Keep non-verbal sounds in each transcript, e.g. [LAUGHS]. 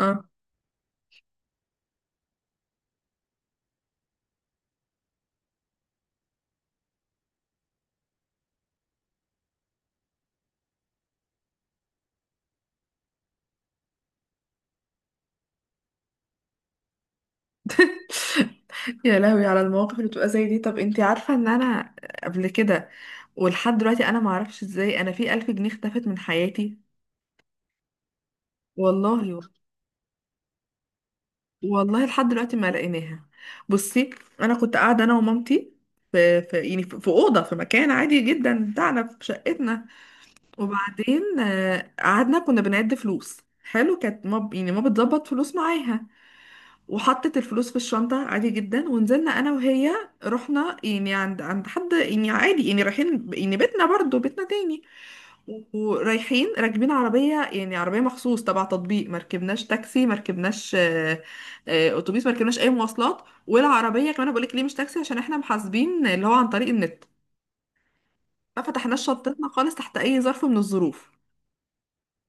اه. [LAUGHS] يا لهوي على المواقف اللي بتبقى زي دي. طب انتي عارفة ان انا قبل كده ولحد دلوقتي انا معرفش ازاي انا في الف جنيه اختفت من حياتي. والله. والله لحد دلوقتي ما لقيناها. بصي، انا كنت قاعدة انا ومامتي في اوضة، في مكان عادي جدا بتاعنا في شقتنا. وبعدين قعدنا كنا بنعد فلوس. حلو، كانت ما بتظبط فلوس معاها، وحطت الفلوس في الشنطة عادي جدا ونزلنا أنا وهي. رحنا يعني عند حد يعني عادي، يعني رايحين يعني بيتنا، برضو بيتنا تاني. ورايحين راكبين عربية، يعني عربية مخصوص تبع تطبيق، مركبناش تاكسي، مركبناش أتوبيس، مركبناش أي مواصلات. والعربية كمان بقولك ليه مش تاكسي، عشان احنا محاسبين اللي هو عن طريق النت. ما فتحناش شنطتنا خالص تحت أي ظرف من الظروف،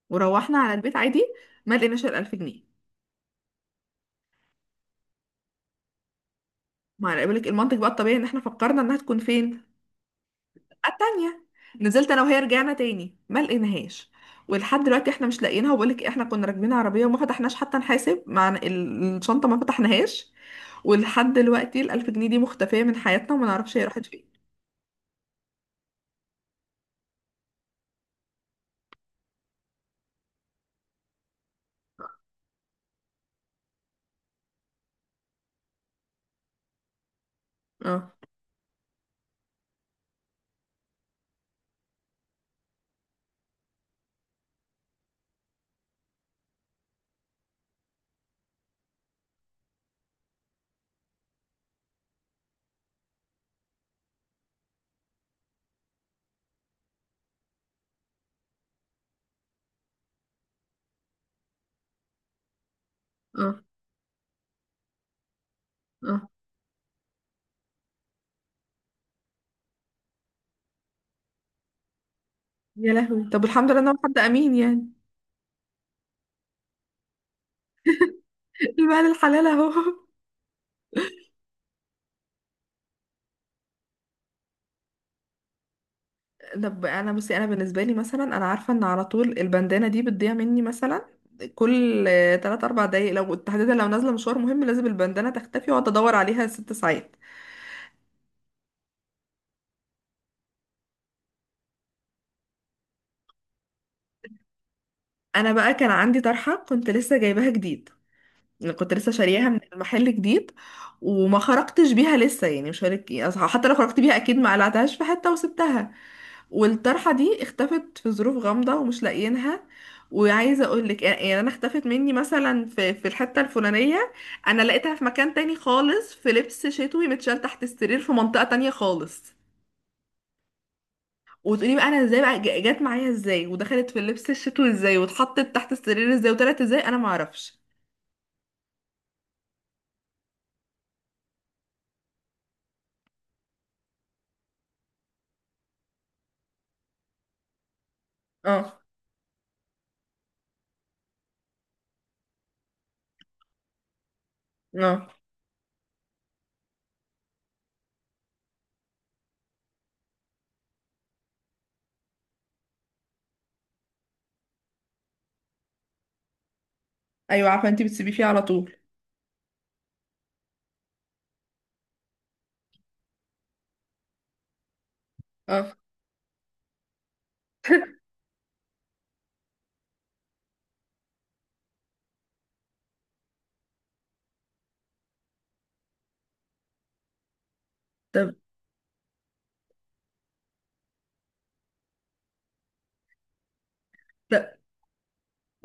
وروحنا على البيت عادي. ما لقيناش الألف جنيه. ما أنا بقولك المنطق بقى الطبيعي إن احنا فكرنا إنها تكون فين. التانية نزلت انا وهي، رجعنا تاني ما لقيناهاش. ولحد دلوقتي احنا مش لاقيينها. وبقولك احنا كنا راكبين عربية وما فتحناش حتى نحاسب، مع الشنطة ما فتحناهاش. ولحد دلوقتي الألف جنيه دي مختفية من حياتنا وما نعرفش هي راحت فين. اه اه اه. يا لهوي. طب الحمد لله ان هو حد امين يعني. [LAUGHS] المال الحلال اهو. طب انا بصي، انا بالنسبه لي مثلا انا عارفه ان على طول البندانه دي بتضيع مني. مثلا كل 3 4 دقايق، لو تحديدا لو نازله مشوار مهم لازم البندانه تختفي واقعد ادور عليها ست ساعات. انا بقى كان عندي طرحه كنت لسه جايباها جديد، يعني كنت لسه شارياها من المحل جديد. وما خرجتش بيها لسه، يعني مش هقولك أصل حتى لو خرجت بيها اكيد ما قلعتهاش في حته وسبتها. والطرحه دي اختفت في ظروف غامضه ومش لاقيينها. وعايزه اقول لك يعني انا اختفت مني مثلا في الحته الفلانيه، انا لقيتها في مكان تاني خالص، في لبس شتوي متشال تحت السرير في منطقه تانية خالص. وتقولي بقى انا ازاي بقى جت معايا ازاي، ودخلت في اللبس الشتوي ازاي، واتحطت تحت السرير ازاي، وطلعت ازاي، انا ما اعرفش. اه اه. ايوه عارفه انت بتسيبيه فيه على طول. اه. طب طب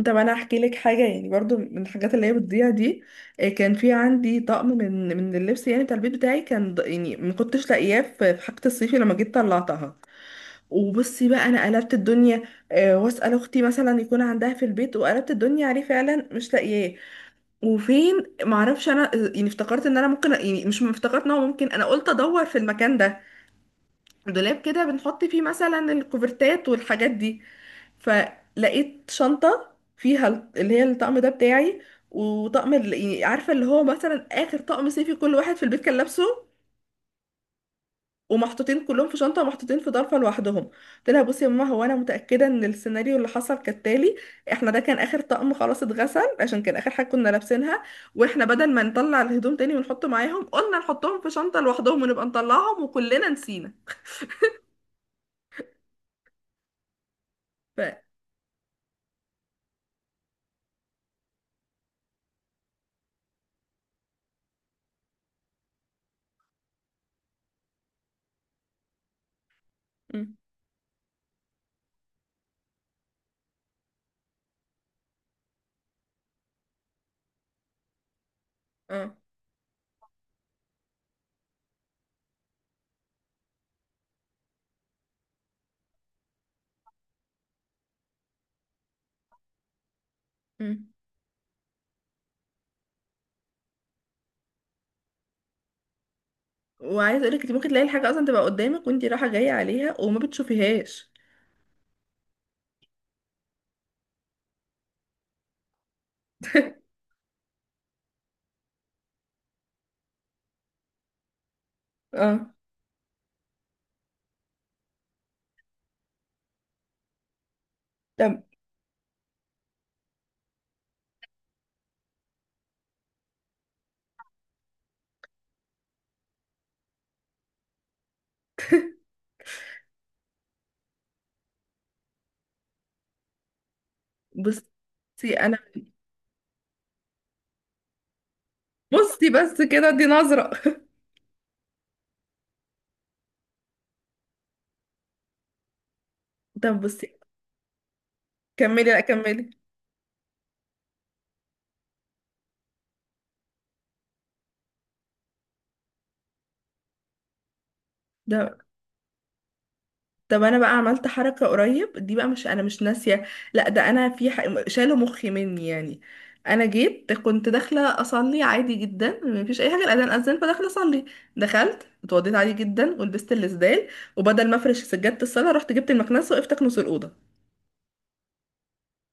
طب انا هحكي لك حاجه يعني برضو من الحاجات اللي هي بتضيع دي. كان في عندي طقم من اللبس يعني بتاع البيت بتاعي، كان يعني ما كنتش لاقياه في في حاجه الصيفي لما جيت طلعتها. وبصي بقى انا قلبت الدنيا، واسال اختي مثلا يكون عندها في البيت، وقلبت الدنيا عليه فعلا مش لاقياه. وفين؟ معرفش انا. يعني افتكرت ان انا ممكن، يعني مش افتكرت ان هو ممكن، انا قلت ادور في المكان ده. دولاب كده بنحط فيه مثلا الكوفرتات والحاجات دي. فلقيت شنطة فيها اللي هي الطقم ده بتاعي، وطقم يعني عارفة اللي هو مثلا آخر طقم صيفي كل واحد في البيت كان لابسه، ومحطوطين كلهم في شنطة، ومحطوطين في ظرفة لوحدهم. قلت لها بصي يا ماما، هو أنا متأكدة إن السيناريو اللي حصل كالتالي. احنا ده كان آخر طقم خلاص اتغسل، عشان كان آخر حاجة كنا لابسينها، واحنا بدل ما نطلع الهدوم تاني ونحطه معاهم، قلنا نحطهم في شنطة لوحدهم ونبقى نطلعهم، وكلنا نسينا. ف م. اه م. وعايزه اقولك انت ممكن تلاقي الحاجه اصلا تبقى قدامك وانت رايحه جايه عليها وما بتشوفيهاش. اه. طب بصي انا. بصي بس كده دي نظره. [LAUGHS] طب بصي. كملي، لا كملي. ده طب انا بقى عملت حركه قريب دي بقى، مش انا مش ناسيه، لا ده انا في شالوا مخي مني يعني. انا جيت كنت داخله اصلي عادي جدا، مفيش اي حاجه، الاذان اذن فداخله اصلي. دخلت اتوضيت عادي جدا ولبست الاسدال، وبدل ما افرش سجاده الصلاه رحت جبت المكنسه وقفت اكنس الاوضه.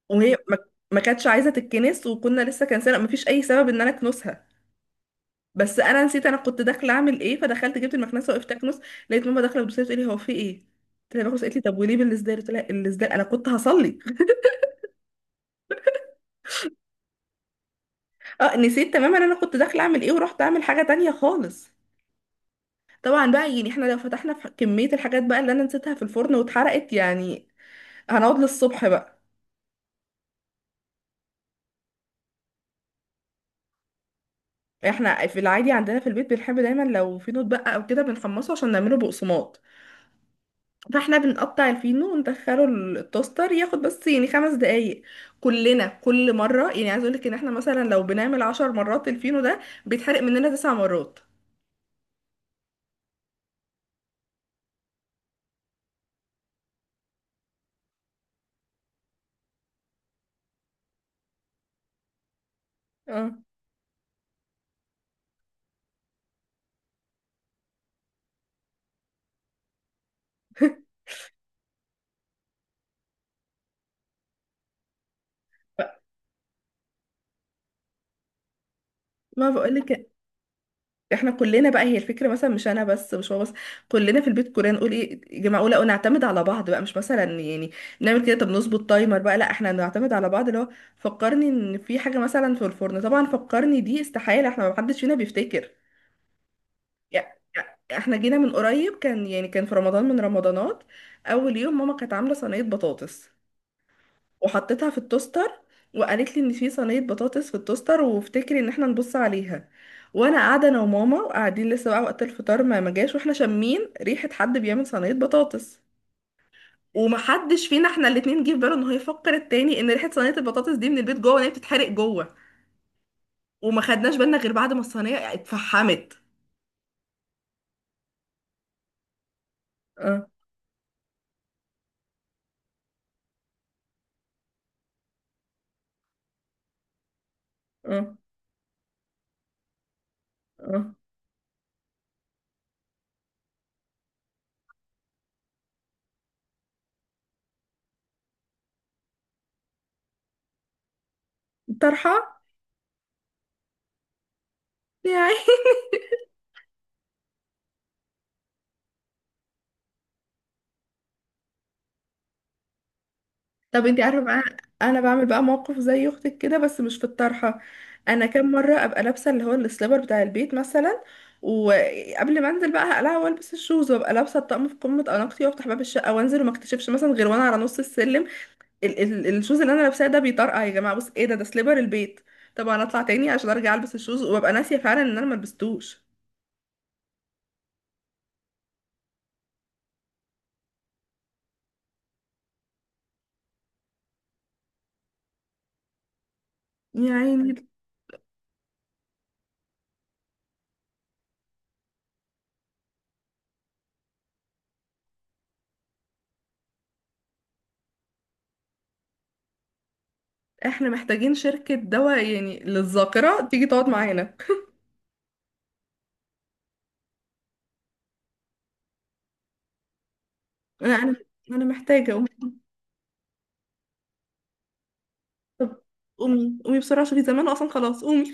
وهي ما كانتش عايزه تتكنس، وكنا لسه كان سنه ما فيش اي سبب ان انا اكنسها، بس انا نسيت انا كنت داخله اعمل ايه، فدخلت جبت المكنسه وقفت اكنس. لقيت ماما داخله بتبص لي بتقولي هو في ايه، قلت لها بكنس. قالت لي طب وليه بالازاي، قلت لها الازاي انا كنت هصلي. اه نسيت تماما انا كنت داخله اعمل ايه، ورحت اعمل حاجه تانية خالص. طبعا بقى يعني احنا لو فتحنا في كميه الحاجات بقى اللي انا نسيتها في الفرن واتحرقت، يعني هنقعد للصبح بقى. احنا في العادي عندنا في البيت بنحب دايما لو في نوت بقى او كده بنحمصه عشان نعمله بقسماط. فاحنا بنقطع الفينو وندخله التوستر، ياخد بس يعني خمس دقايق. كلنا كل مرة يعني، عايز اقولك ان احنا مثلا لو بنعمل عشر مرات الفينو ده، بيتحرق مننا تسع مرات. اه. ما بقولك، احنا كلنا بقى، هي الفكرة مثلا مش انا بس مش هو بس، كلنا في البيت. كلنا نقول ايه يا جماعة، اقول نعتمد على بعض بقى، مش مثلا يعني نعمل كده. طب نظبط تايمر بقى، لا احنا نعتمد على بعض اللي هو فكرني ان في حاجة مثلا في الفرن. طبعا فكرني دي استحالة، احنا ما حدش فينا بيفتكر. يع- احنا جينا من قريب، كان يعني كان في رمضان من رمضانات. اول يوم ماما كانت عامله صينيه بطاطس وحطيتها في التوستر، وقالت لي ان في صينيه بطاطس في التوستر وافتكري ان احنا نبص عليها. وانا قاعده انا وماما وقاعدين لسه بقى، وقت الفطار ما جاش، واحنا شامين ريحه حد بيعمل صينيه بطاطس، ومحدش فينا احنا الاتنين جه في باله ان هو يفكر التاني ان ريحه صينيه البطاطس دي من البيت جوه وان هي بتتحرق جوه. وما خدناش بالنا غير بعد ما الصينيه اتفحمت. اه اه اه. طرحه. يا. طب انت عارفه بقى انا بعمل بقى موقف زي اختك كده بس مش في الطرحه. انا كام مره ابقى لابسه اللي هو السليبر بتاع البيت مثلا، وقبل ما انزل بقى هقلع والبس الشوز وابقى لابسه الطقم في قمه اناقتي، وافتح باب الشقه وانزل، وما اكتشفش مثلا غير وانا على نص السلم ال ال الشوز اللي انا لابساه ده بيطرقع. يا جماعه بص ايه ده، ده سليبر البيت. طبعا اطلع تاني عشان ارجع البس الشوز، وابقى ناسيه فعلا ان انا ما لبستوش يعني. احنا محتاجين شركه دواء يعني للذاكره تيجي تقعد معانا. انا أنا محتاجه. طب قومي قومي بسرعة شوفي، زمان اصلا، خلاص قومي.